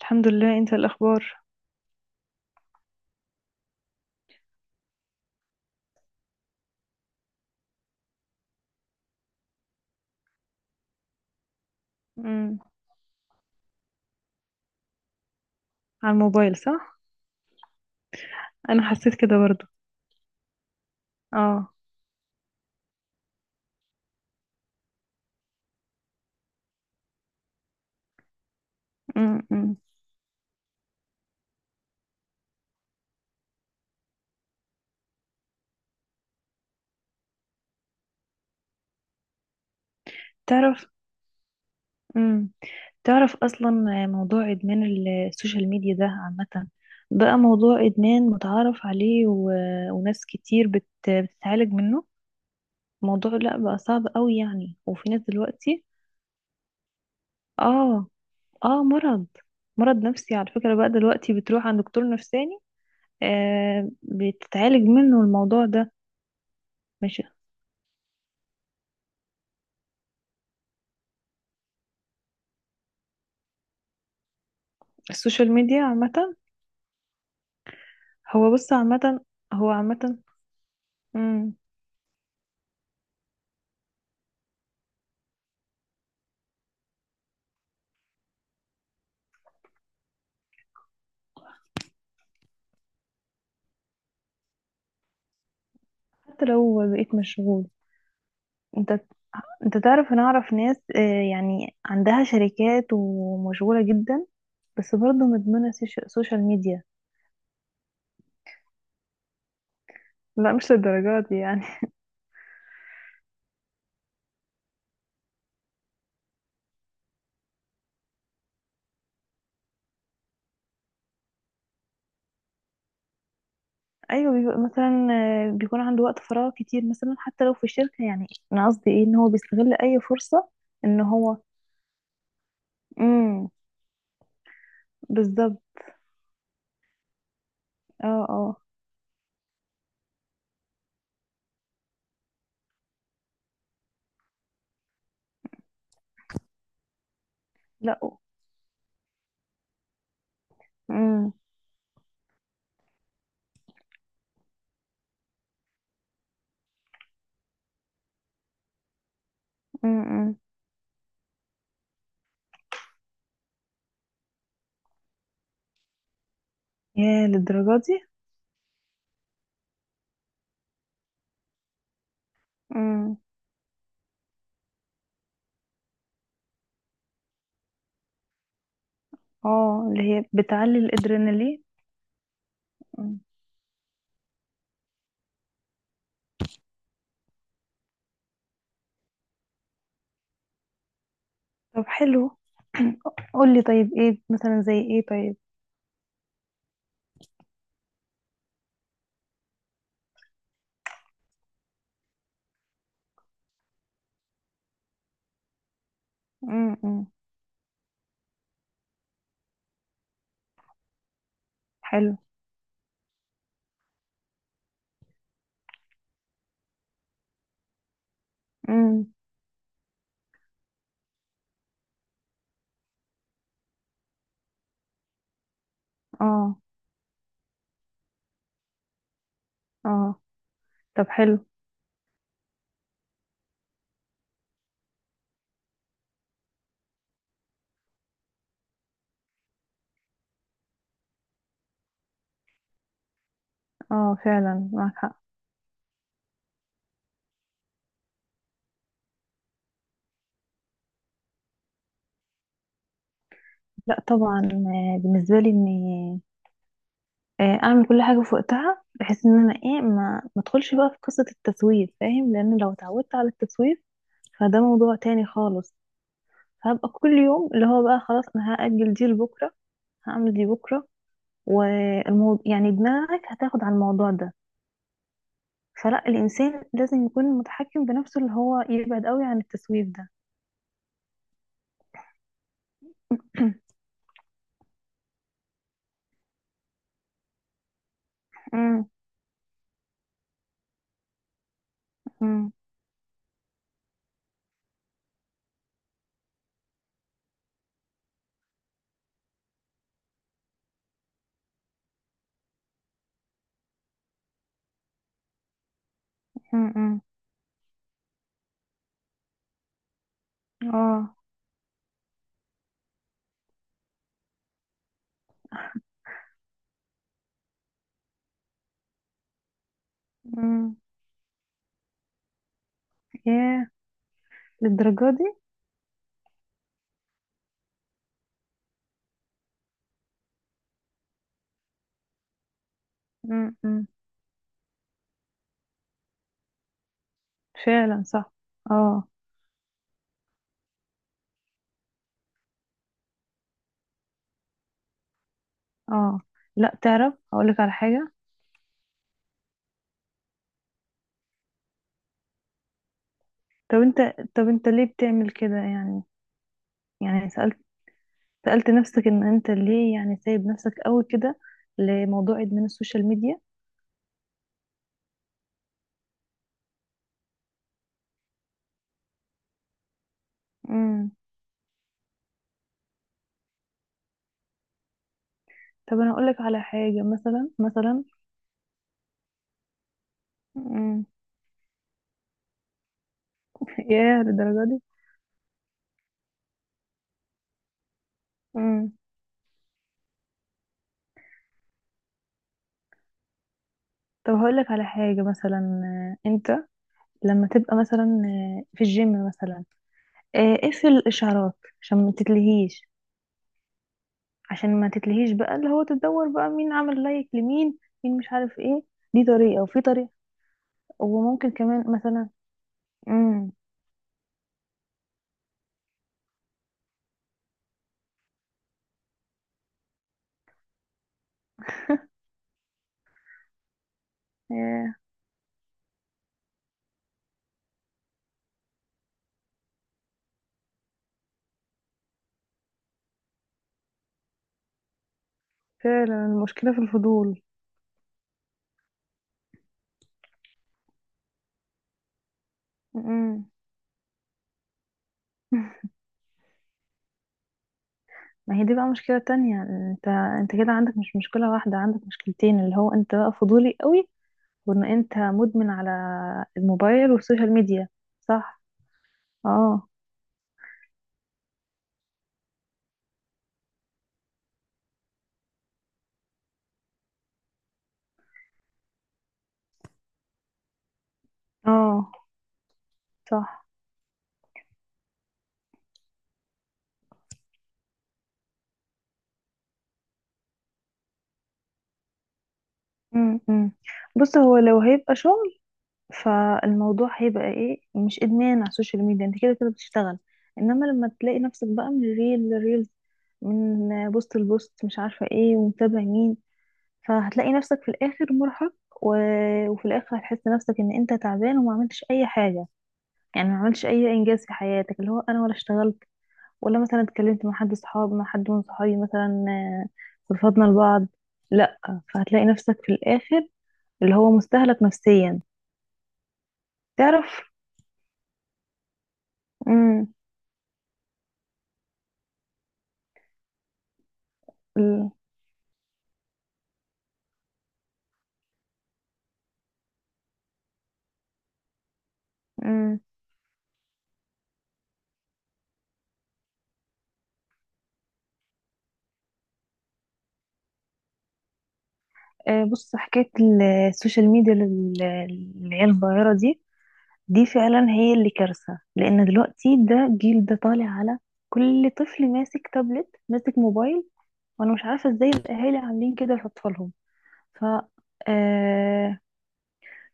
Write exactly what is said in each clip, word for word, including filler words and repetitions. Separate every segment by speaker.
Speaker 1: الحمد لله، انت الاخبار؟ امم. على الموبايل، صح؟ انا حسيت كده برضو. اه. امم. تعرف؟ امم. تعرف اصلا؟ موضوع ادمان ال- السوشيال ميديا ده عامه، بقى موضوع ادمان متعارف عليه، و... وناس كتير بت... بتتعالج منه. موضوع لا بقى صعب قوي يعني، وفي ناس دلوقتي. اه. اه، مرض. مرض نفسي على فكره، بقى دلوقتي بتروح عند دكتور نفساني. آه، بتتعالج منه الموضوع ده. مش. السوشيال ميديا عامة. هو بص، عامة. هو عامة. مم. حتى لو بقيت مشغول. انت. انت تعرف، انا اعرف ناس آه، يعني عندها شركات ومشغولة جدا، بس برضه مدمنة سيش- سوشيال ميديا. لا، مش للدرجات دي يعني. ايوه، بيبقى مثلا آه، بيكون عنده وقت فراغ كتير مثلا، حتى لو في الشركة يعني. انا قصدي ايه، ان هو بيستغل اي فرصة، ان هو. امم. بالظبط. اه، اه. لا. امم. امم. يا للدرجات. دي اه، اللي هي بتعلي الادرينالين. مم. طب حلو. قولي طيب، ايه مثلا، زي ايه؟ طيب. امم. أمم. حلو. امم. اه. اه. طب حلو. اه، فعلا معاك حق. لا طبعا، آه، بالنسبه لي اني آه، اعمل كل حاجه في وقتها، بحيث ان انا ايه ما ما ادخلش بقى في قصه التسويف، فاهم؟ لان لو اتعودت على التسويف، فده موضوع تاني خالص. فهبقى كل يوم اللي هو بقى خلاص انا هاجل دي لبكره، هعمل دي بكره، والموضوع يعني دماغك هتاخد على الموضوع ده. فلا، الإنسان لازم يكون متحكم بنفسه، اللي هو يبعد قوي عن التسويف ده. أمم. أمم. أمم. اه. أمم. ياه، للدرجة دي. أمم. أمم. فعلا صح. اه. اه. لا، تعرف هقولك على حاجة. طب انت. طب انت ليه بتعمل كده يعني؟ يعني سألت. سألت نفسك ان انت ليه يعني سايب نفسك قوي كده لموضوع ادمان السوشيال ميديا؟ امم. طب انا هقولك على حاجة مثلا مثلا. مم. ياه، للدرجة دي. مم. طب هقول لك على حاجة مثلا. آه، انت لما تبقى مثلا آه، في الجيم مثلا، آه، اقفل الاشعارات عشان ما تتلهيش. عشان ما تتلهيش بقى، اللي هو تدور بقى مين عمل لايك لمين، مين مش عارف ايه. دي طريقة، وفي طريقة. وممكن كمان مثلا. امم. ياه. فعلا، المشكلة في الفضول. مم. ما هي دي بقى مشكلة تانية. انت. انت كده عندك مش مشكلة واحدة، عندك مشكلتين، اللي هو انت بقى فضولي قوي، وان انت مدمن على الموبايل والسوشيال ميديا. صح. اه. اه. صح. امم. أمم. بص، هو لو هيبقى شغل، فالموضوع هيبقى ايه، مش ادمان على السوشيال ميديا، انت كده كده بتشتغل. انما لما تلاقي نفسك بقى من ريل لريل، من بوست لبوست، مش عارفة ايه ومتابع مين، فهتلاقي نفسك في الاخر مرهق، و... وفي الاخر هتحس نفسك ان انت تعبان وما عملتش اي حاجة. يعني ما عملتش اي انجاز في حياتك، اللي هو انا ولا اشتغلت، ولا مثلا اتكلمت مع حد صحاب، مع حد من صحابي مثلا آه، رفضنا لبعض. لا. فهتلاقي نفسك في الاخر اللي هو مستهلك نفسيا. تعرف. امم. ال-. امم. آه، بص، حكايه ال- السوشيال ميديا لل- للعيال الصغيره دي، دي فعلا هي اللي كارثه، لان دلوقتي ده جيل ده طالع على كل طفل ماسك تابلت، ماسك موبايل، وانا مش عارفه ازاي الاهالي عاملين كده لاطفالهم. ف. آه،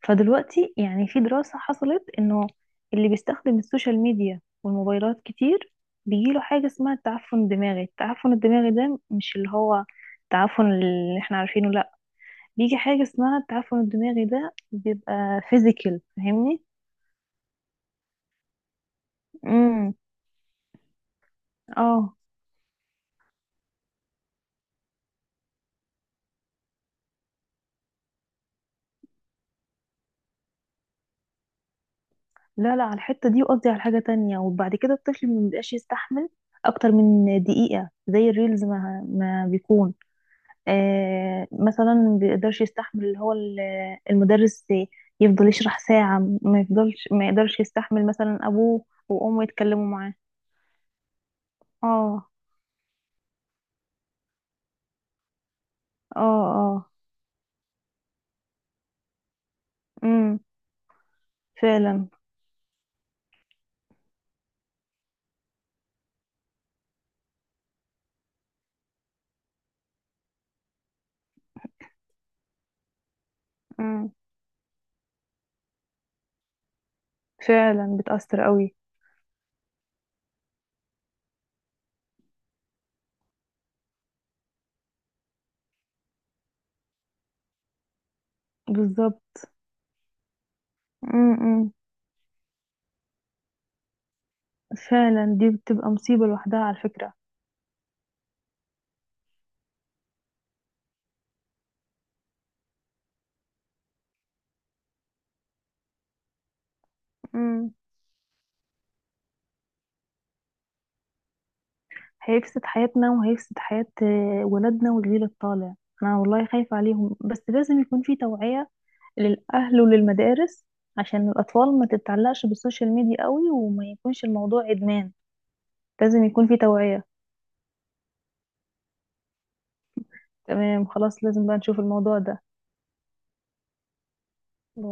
Speaker 1: فدلوقتي يعني في دراسة حصلت انه اللي بيستخدم السوشيال ميديا والموبايلات كتير، بيجيله حاجة اسمها التعفن الدماغي. التعفن الدماغي ده مش اللي هو التعفن اللي احنا عارفينه، لا، بيجي حاجة اسمها التعفن الدماغي، ده بيبقى فيزيكال، فاهمني؟ امم. اه. لا لا، على الحتة دي، وقصدي على حاجة تانية، وبعد كده الطفل مبيبقاش يستحمل اكتر من دقيقة زي الريلز، ما, ما بيكون آه، مثلا ما بيقدرش يستحمل اللي هو ال- المدرس يفضل يشرح ساعة، ما يفضلش، ما يقدرش يستحمل مثلا أبوه وأمه يتكلموا معاه. اه. اه. اه. امم. فعلا. امم. فعلا بتأثر قوي. بالظبط. امم. فعلا دي بتبقى مصيبة لوحدها على فكرة. امم. هيفسد حياتنا، وهيفسد حياة آه، ولادنا والجيل الطالع. أنا والله خايفة عليهم، بس لازم يكون في توعية للأهل وللمدارس، عشان الأطفال ما تتعلقش بالسوشيال ميديا قوي، وما يكونش الموضوع إدمان. لازم يكون في توعية. تمام، خلاص، لازم بقى نشوف الموضوع ده.